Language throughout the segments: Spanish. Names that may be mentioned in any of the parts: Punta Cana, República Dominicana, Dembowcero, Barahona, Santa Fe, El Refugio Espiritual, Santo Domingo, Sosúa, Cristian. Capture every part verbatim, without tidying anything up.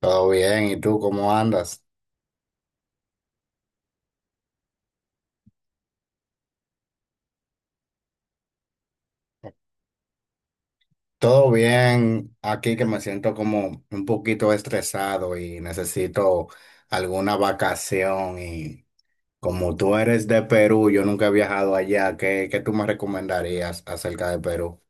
Todo bien, ¿y tú cómo andas? Todo bien, aquí que me siento como un poquito estresado y necesito alguna vacación y como tú eres de Perú, yo nunca he viajado allá, ¿qué, qué tú me recomendarías acerca de Perú?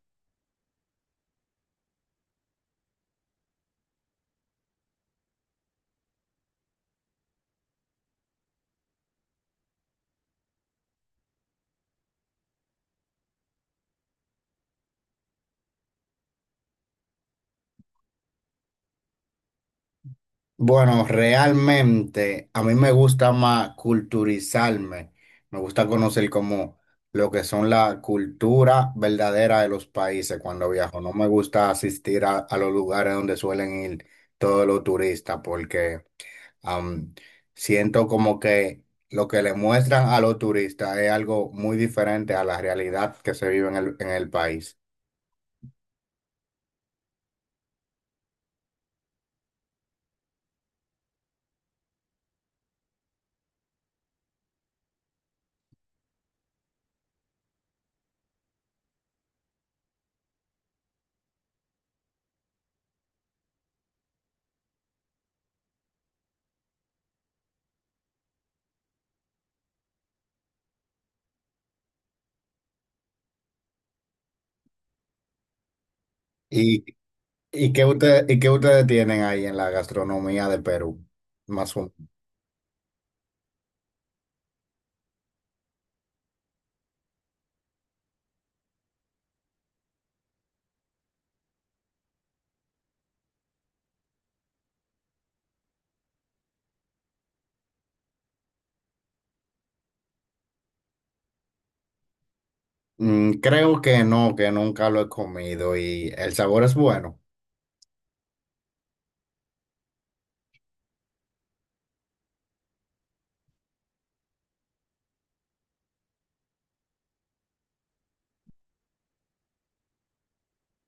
Bueno, realmente a mí me gusta más culturizarme, me gusta conocer como lo que son la cultura verdadera de los países cuando viajo. No me gusta asistir a, a los lugares donde suelen ir todos los turistas porque am, siento como que lo que le muestran a los turistas es algo muy diferente a la realidad que se vive en el, en el país. ¿Y, y qué ustedes, y qué ustedes tienen ahí en la gastronomía de Perú? Más o Mm, creo que no, que nunca lo he comido y el sabor es bueno.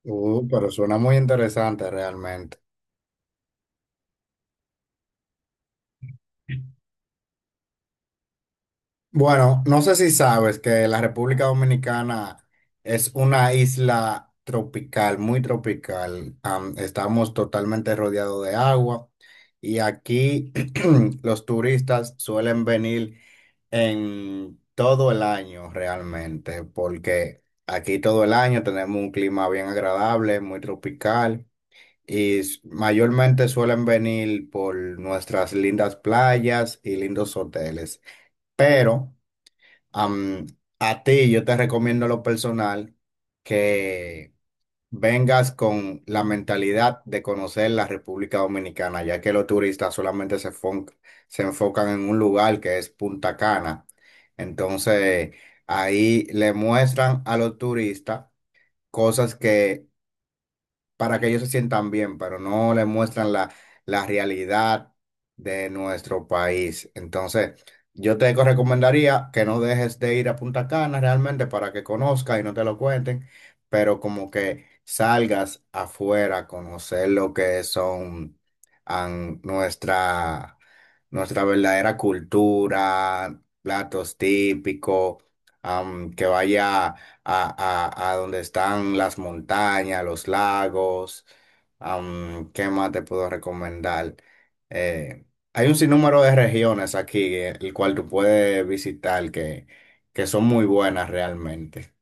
Uh, pero suena muy interesante realmente. Bueno, no sé si sabes que la República Dominicana es una isla tropical, muy tropical. Am, estamos totalmente rodeados de agua y aquí los turistas suelen venir en todo el año realmente, porque aquí todo el año tenemos un clima bien agradable, muy tropical. Y s- mayormente suelen venir por nuestras lindas playas y lindos hoteles. Pero am, a ti yo te recomiendo lo personal que vengas con la mentalidad de conocer la República Dominicana, ya que los turistas solamente se, fon- se enfocan en un lugar que es Punta Cana. Entonces ahí le muestran a los turistas cosas que para que ellos se sientan bien, pero no les muestran la, la realidad de nuestro país. Entonces, yo te recomendaría que no dejes de ir a Punta Cana realmente para que conozcas y no te lo cuenten, pero como que salgas afuera a conocer lo que son an- nuestra, nuestra verdadera cultura, platos típicos, am, que vaya a, a- a donde están las montañas, los lagos. Am, ¿qué más te puedo recomendar? Eh, hay un sinnúmero de regiones aquí, eh, el cual tú puedes visitar que, que son muy buenas realmente.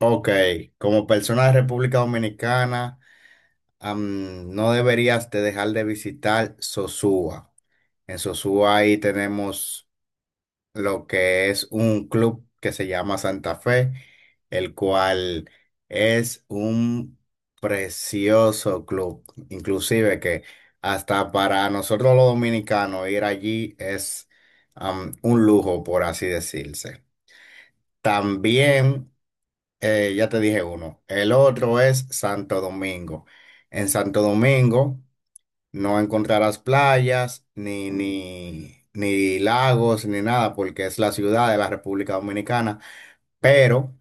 Ok, como persona de República Dominicana, am, no deberías de dejar de visitar Sosúa. En Sosúa ahí tenemos lo que es un club que se llama Santa Fe, el cual es un precioso club, inclusive que hasta para nosotros los dominicanos ir allí es am, un lujo, por así decirse. También, eh, ya te dije uno, el otro es Santo Domingo. En Santo Domingo no encontrarás playas, ni, ni, ni lagos, ni nada, porque es la ciudad de la República Dominicana, pero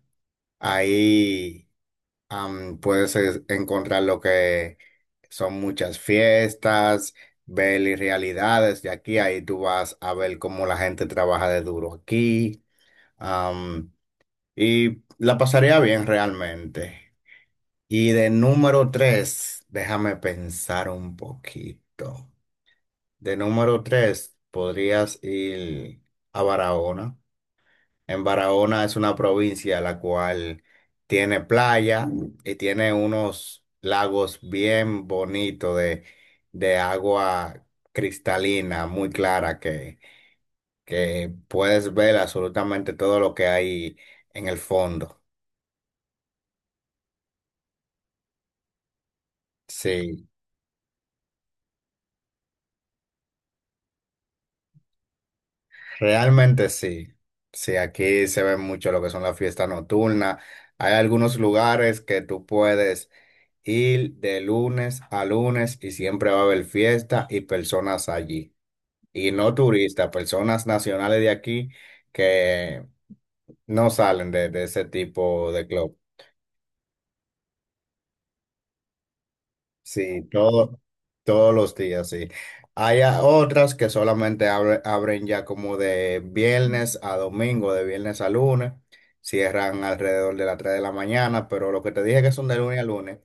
ahí am, puedes es- encontrar lo que son muchas fiestas, ver y realidades de aquí, ahí tú vas a ver cómo la gente trabaja de duro aquí, am, y la pasaría bien realmente. Y de número tres, déjame pensar un poquito. De número tres, podrías ir a Barahona. En Barahona es una provincia la cual tiene playa y tiene unos lagos bien bonitos de, de agua cristalina, muy clara, que, que puedes ver absolutamente todo lo que hay en el fondo. Sí, realmente sí. Sí, aquí se ve mucho lo que son las fiestas nocturnas. Hay algunos lugares que tú puedes ir de lunes a lunes y siempre va a haber fiesta y personas allí. Y no turistas, personas nacionales de aquí que no salen de, de ese tipo de club. Sí, todo, todos los días, sí. Hay a- otras que solamente abre- abren ya como de viernes a domingo, de viernes a lunes. Cierran alrededor de las tres de la mañana, pero lo que te dije que son de lunes a lunes,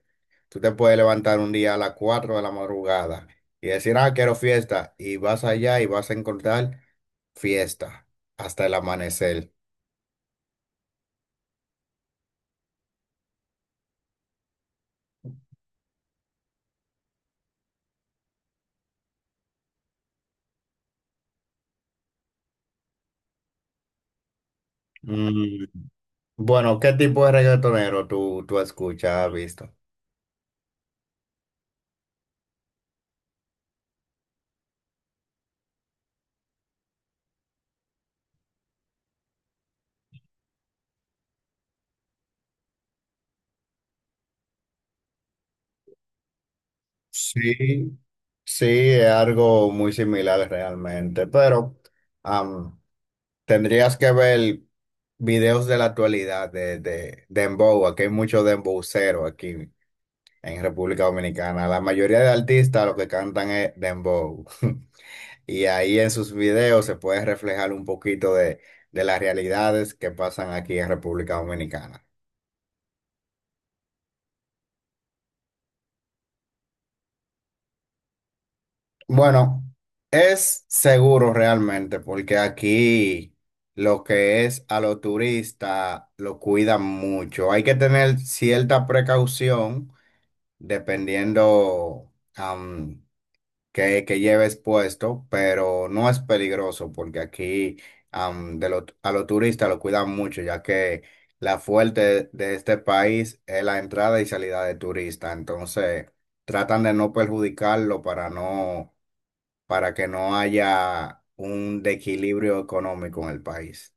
tú te puedes levantar un día a las cuatro de la madrugada y decir, ah, quiero fiesta, y vas allá y vas a encontrar fiesta hasta el amanecer. Mm. Bueno, ¿qué tipo de reggaetonero tú, tú escuchas, has visto? Sí. Sí, es algo muy similar realmente, pero am, tendrías que ver videos de la actualidad de, de Dembow, aquí hay mucho Dembowcero aquí en República Dominicana. La mayoría de artistas lo que cantan es Dembow. Y ahí en sus videos se puede reflejar un poquito de, de las realidades que pasan aquí en República Dominicana. Bueno, es seguro realmente, porque aquí lo que es a los turistas lo cuidan mucho. Hay que tener cierta precaución dependiendo am, qué, qué lleves puesto, pero no es peligroso porque aquí am, de lo- a los turistas lo cuidan mucho, ya que la fuerte de este país es la entrada y salida de turistas. Entonces, tratan de no perjudicarlo para no para que no haya un desequilibrio económico en el país.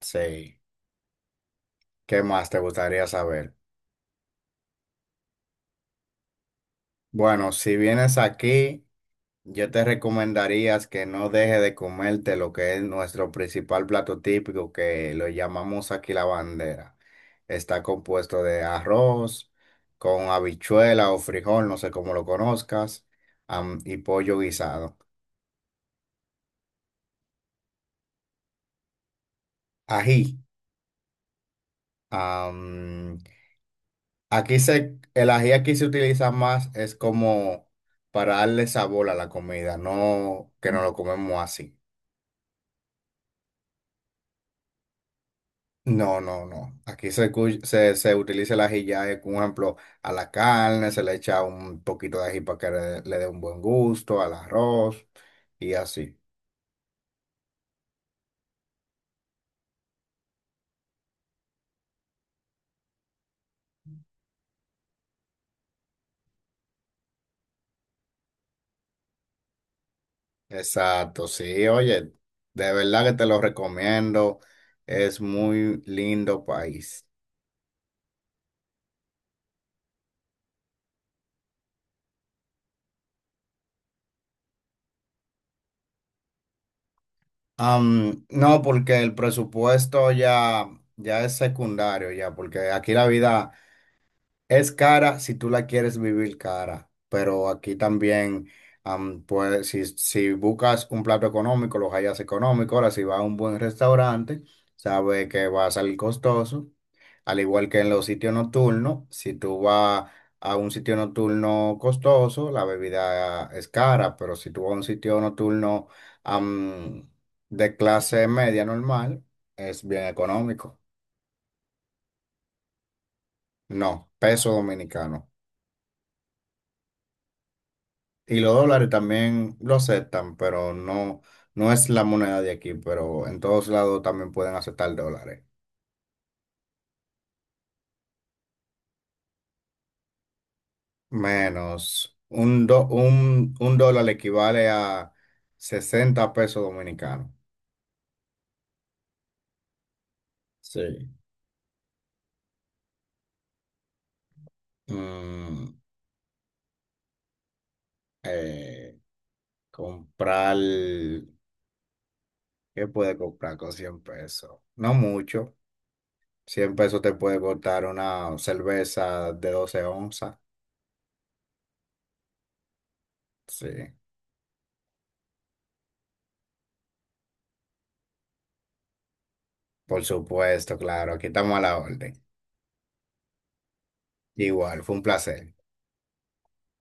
Sí. ¿Qué más te gustaría saber? Bueno, si vienes aquí, yo te recomendaría que no dejes de comerte lo que es nuestro principal plato típico, que lo llamamos aquí la bandera. Está compuesto de arroz, con habichuela o frijol, no sé cómo lo conozcas, am, y pollo guisado. Ají. Aquí se, el ají aquí se utiliza más, es como para darle sabor a la comida, no que no lo comemos así. No, no, no. Aquí se, cu- se, se utiliza el ají ya, eh, por ejemplo, a la carne, se le echa un poquito de ají para que le, le dé un buen gusto, al arroz y así. Exacto, sí, oye, de verdad que te lo recomiendo. Es muy lindo país. Am, no, porque el presupuesto ya, ya es secundario, ya, porque aquí la vida, es cara si tú la quieres vivir cara, pero aquí también, am, pues, si, si buscas un plato económico, los hallas económico. Ahora, si vas a un buen restaurante, sabes que va a salir costoso. Al igual que en los sitios nocturnos, si tú vas a un sitio nocturno costoso, la bebida es cara, pero si tú vas a un sitio nocturno, am, de clase media normal, es bien económico. No, peso dominicano. Y los dólares también lo aceptan, pero no, no es la moneda de aquí, pero en todos lados también pueden aceptar dólares. Menos un, do- un, un dólar equivale a sesenta pesos dominicanos. Sí. Mm, eh, comprar, ¿qué puede comprar con cien pesos? No mucho. Cien pesos te puede costar una cerveza de doce onzas. Sí, por supuesto, claro, aquí estamos a la orden. Igual, fue un placer.